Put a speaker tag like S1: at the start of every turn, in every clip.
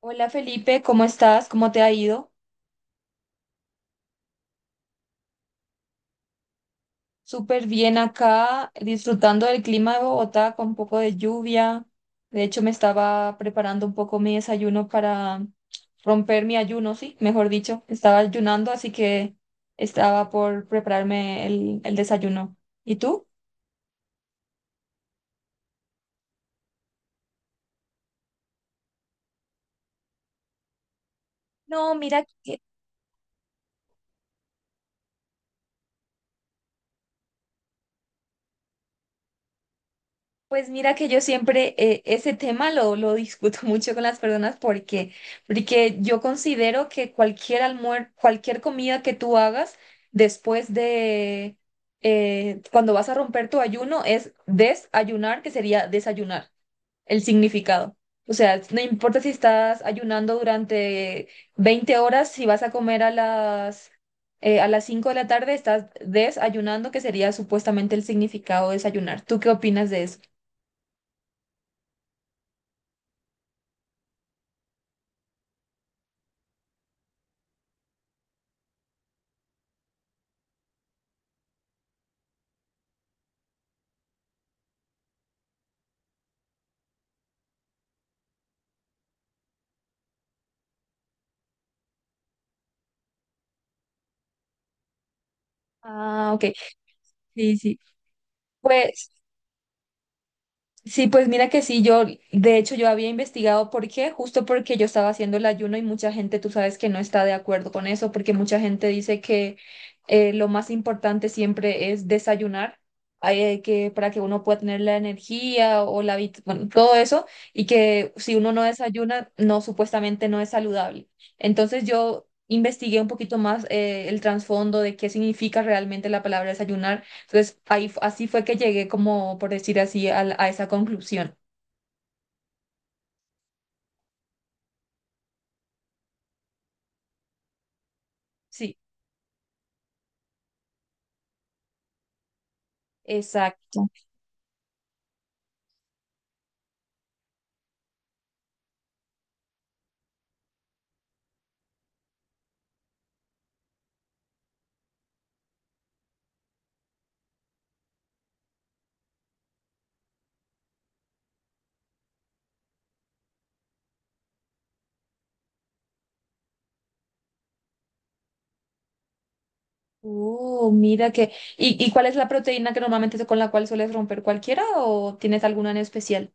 S1: Hola Felipe, ¿cómo estás? ¿Cómo te ha ido? Súper bien acá, disfrutando del clima de Bogotá con un poco de lluvia. De hecho, me estaba preparando un poco mi desayuno para romper mi ayuno, sí, mejor dicho. Estaba ayunando, así que estaba por prepararme el desayuno. ¿Y tú? No, mira, que. Pues mira que yo siempre ese tema lo discuto mucho con las personas porque yo considero que cualquier comida que tú hagas después de cuando vas a romper tu ayuno es desayunar, que sería desayunar, el significado. O sea, no importa si estás ayunando durante 20 horas, si vas a comer a las a las 5 de la tarde, estás desayunando, que sería supuestamente el significado de desayunar. ¿Tú qué opinas de eso? Ah, ok. Sí, sí. Pues sí, pues mira que sí, yo, de hecho, yo había investigado por qué, justo porque yo estaba haciendo el ayuno y mucha gente, tú sabes que no está de acuerdo con eso, porque mucha gente dice que lo más importante siempre es desayunar, que para que uno pueda tener la energía o bueno, todo eso, y que si uno no desayuna, no, supuestamente no es saludable. Entonces yo investigué un poquito más el trasfondo de qué significa realmente la palabra desayunar. Entonces, ahí, así fue que llegué, como por decir así, a esa conclusión. Sí, exacto. Oh, mira que. ¿Y cuál es la proteína que normalmente con la cual sueles romper, cualquiera o tienes alguna en especial?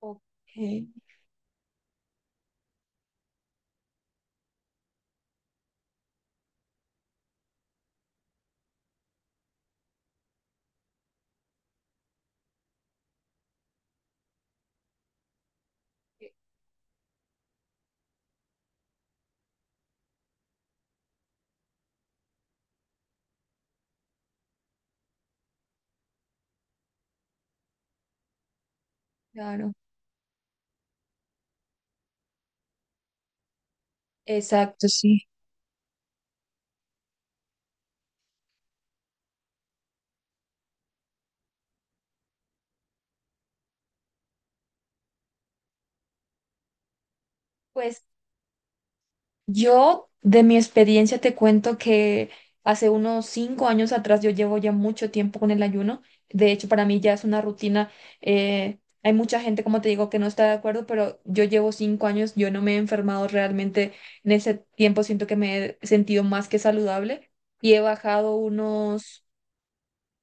S1: Ok, claro. Exacto, sí. Pues yo, de mi experiencia, te cuento que hace unos 5 años atrás, yo llevo ya mucho tiempo con el ayuno. De hecho, para mí ya es una rutina. Hay mucha gente, como te digo, que no está de acuerdo, pero yo llevo 5 años, yo no me he enfermado realmente. En ese tiempo siento que me he sentido más que saludable. y he bajado unos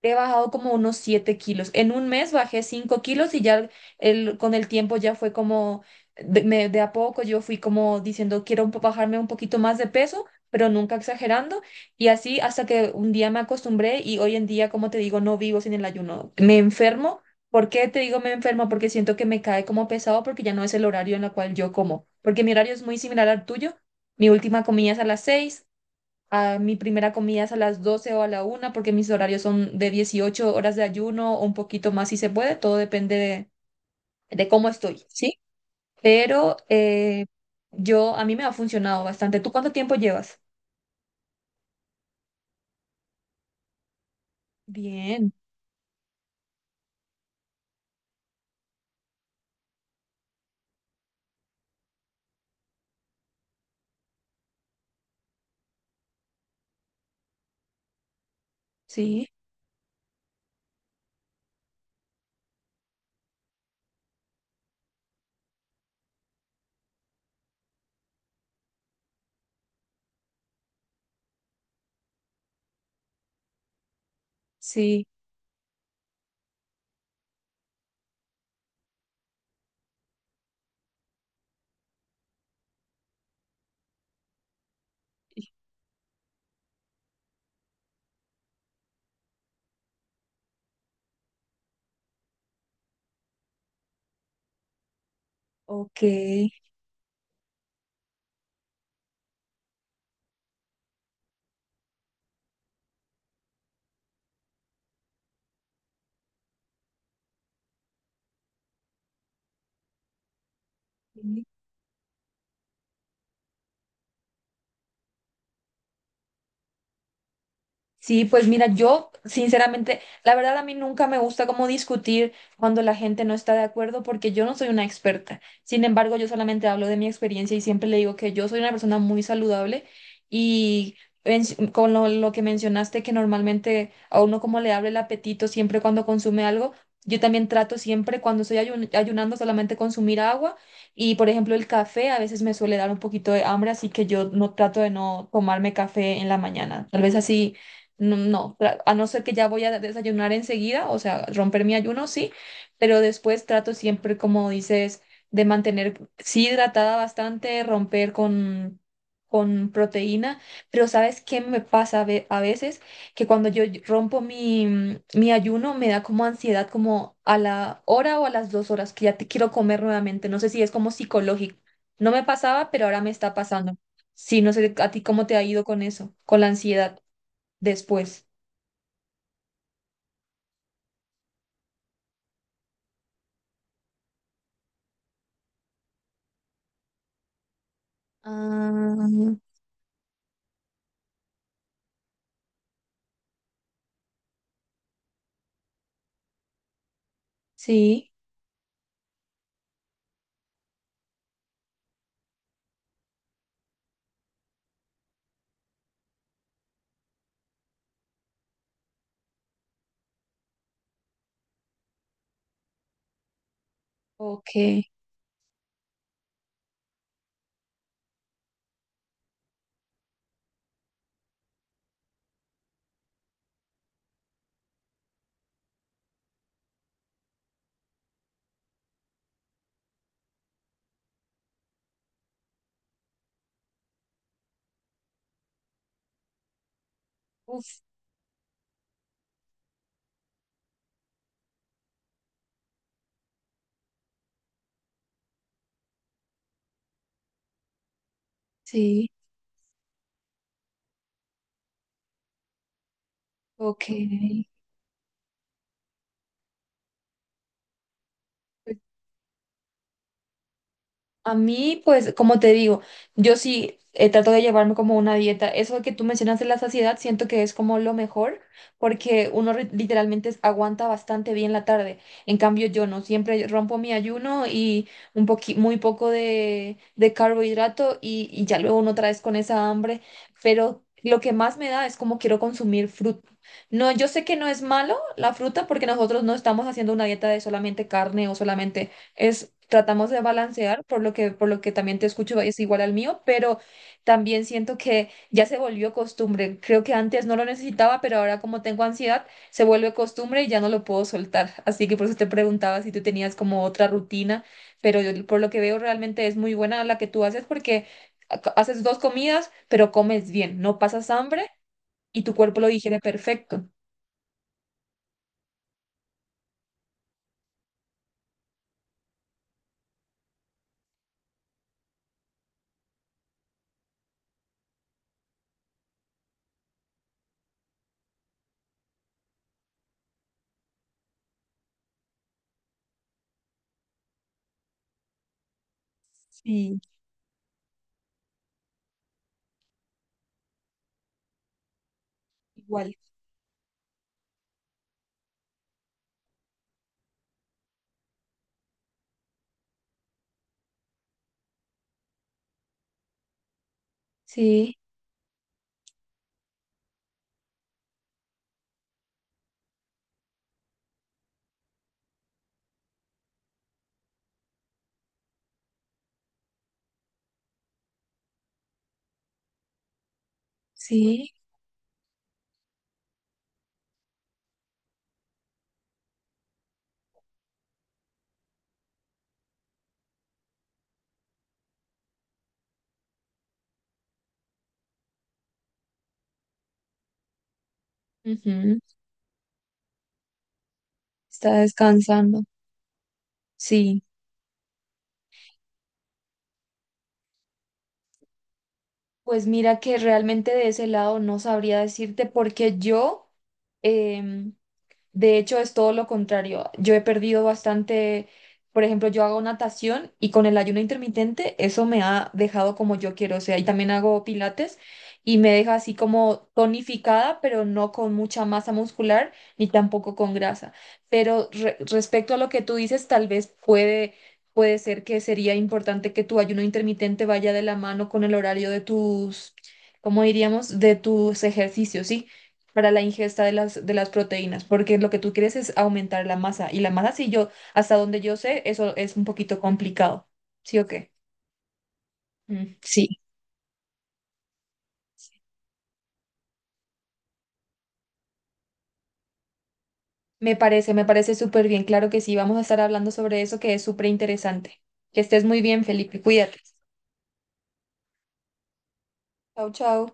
S1: He bajado como unos 7 kilos. En un mes bajé 5 kilos y ya con el tiempo ya fue como, de a poco yo fui como diciendo, quiero bajarme un poquito más de peso, pero nunca exagerando. Y así hasta que un día me acostumbré y hoy en día, como te digo, no vivo sin el ayuno. Me enfermo. ¿Por qué te digo me enfermo? Porque siento que me cae como pesado porque ya no es el horario en el cual yo como. Porque mi horario es muy similar al tuyo. Mi última comida es a las 6, a mi primera comida es a las 12 o a la una, porque mis horarios son de 18 horas de ayuno o un poquito más si se puede, todo depende de cómo estoy, ¿sí? Pero yo, a mí me ha funcionado bastante. ¿Tú cuánto tiempo llevas? Bien, sí, sí, ok. Sí, pues mira, yo sinceramente, la verdad a mí nunca me gusta como discutir cuando la gente no está de acuerdo porque yo no soy una experta. Sin embargo, yo solamente hablo de mi experiencia y siempre le digo que yo soy una persona muy saludable y en- con lo que mencionaste, que normalmente a uno como le abre el apetito siempre cuando consume algo, yo también trato siempre, cuando estoy ayunando, solamente consumir agua. Y por ejemplo el café a veces me suele dar un poquito de hambre, así que yo no trato de, no tomarme café en la mañana. Tal vez así no, no, a no ser que ya voy a desayunar enseguida, o sea, romper mi ayuno, sí, pero después trato siempre, como dices, de mantener, sí, hidratada bastante, romper con, proteína. Pero ¿sabes qué me pasa a veces? Que cuando yo rompo mi ayuno me da como ansiedad, como a la hora o a las 2 horas, que ya te quiero comer nuevamente, no sé si es como psicológico. No me pasaba, pero ahora me está pasando. Sí, no sé a ti cómo te ha ido con eso, con la ansiedad después. Ah, sí, ok. Uf, sí, ok. A mí, pues, como te digo, yo sí trato de llevarme como una dieta. Eso que tú mencionas de la saciedad, siento que es como lo mejor, porque uno literalmente aguanta bastante bien la tarde. En cambio, yo no, siempre rompo mi ayuno y muy poco de carbohidrato y ya luego uno otra vez con esa hambre. Pero lo que más me da es como quiero consumir fruta. No, yo sé que no es malo la fruta, porque nosotros no estamos haciendo una dieta de solamente carne o solamente es, tratamos de balancear, por lo que también te escucho, es igual al mío, pero también siento que ya se volvió costumbre. Creo que antes no lo necesitaba, pero ahora como tengo ansiedad, se vuelve costumbre y ya no lo puedo soltar. Así que por eso te preguntaba si tú tenías como otra rutina, pero por lo que veo realmente es muy buena la que tú haces porque ha- haces dos comidas, pero comes bien, no pasas hambre y tu cuerpo lo digiere perfecto. Sí, igual. Sí, sí. Ujú. Está descansando. Sí, pues mira que realmente de ese lado no sabría decirte porque em, de hecho, es todo lo contrario. Yo he perdido bastante, por ejemplo, yo hago natación y con el ayuno intermitente eso me ha dejado como yo quiero, o sea, y también hago pilates y me deja así como tonificada, pero no con mucha masa muscular ni tampoco con grasa. Pero respecto a lo que tú dices, tal vez puede ser que sería importante que tu ayuno intermitente vaya de la mano con el horario de tus, ¿cómo diríamos? De tus ejercicios, ¿sí? Para la ingesta de las, proteínas, porque lo que tú quieres es aumentar la masa. Y la masa, si yo, hasta donde yo sé, eso es un poquito complicado. ¿Sí o qué? Mm. Sí. Me parece súper bien. Claro que sí, vamos a estar hablando sobre eso que es súper interesante. Que estés muy bien, Felipe. Cuídate. Chao, chao.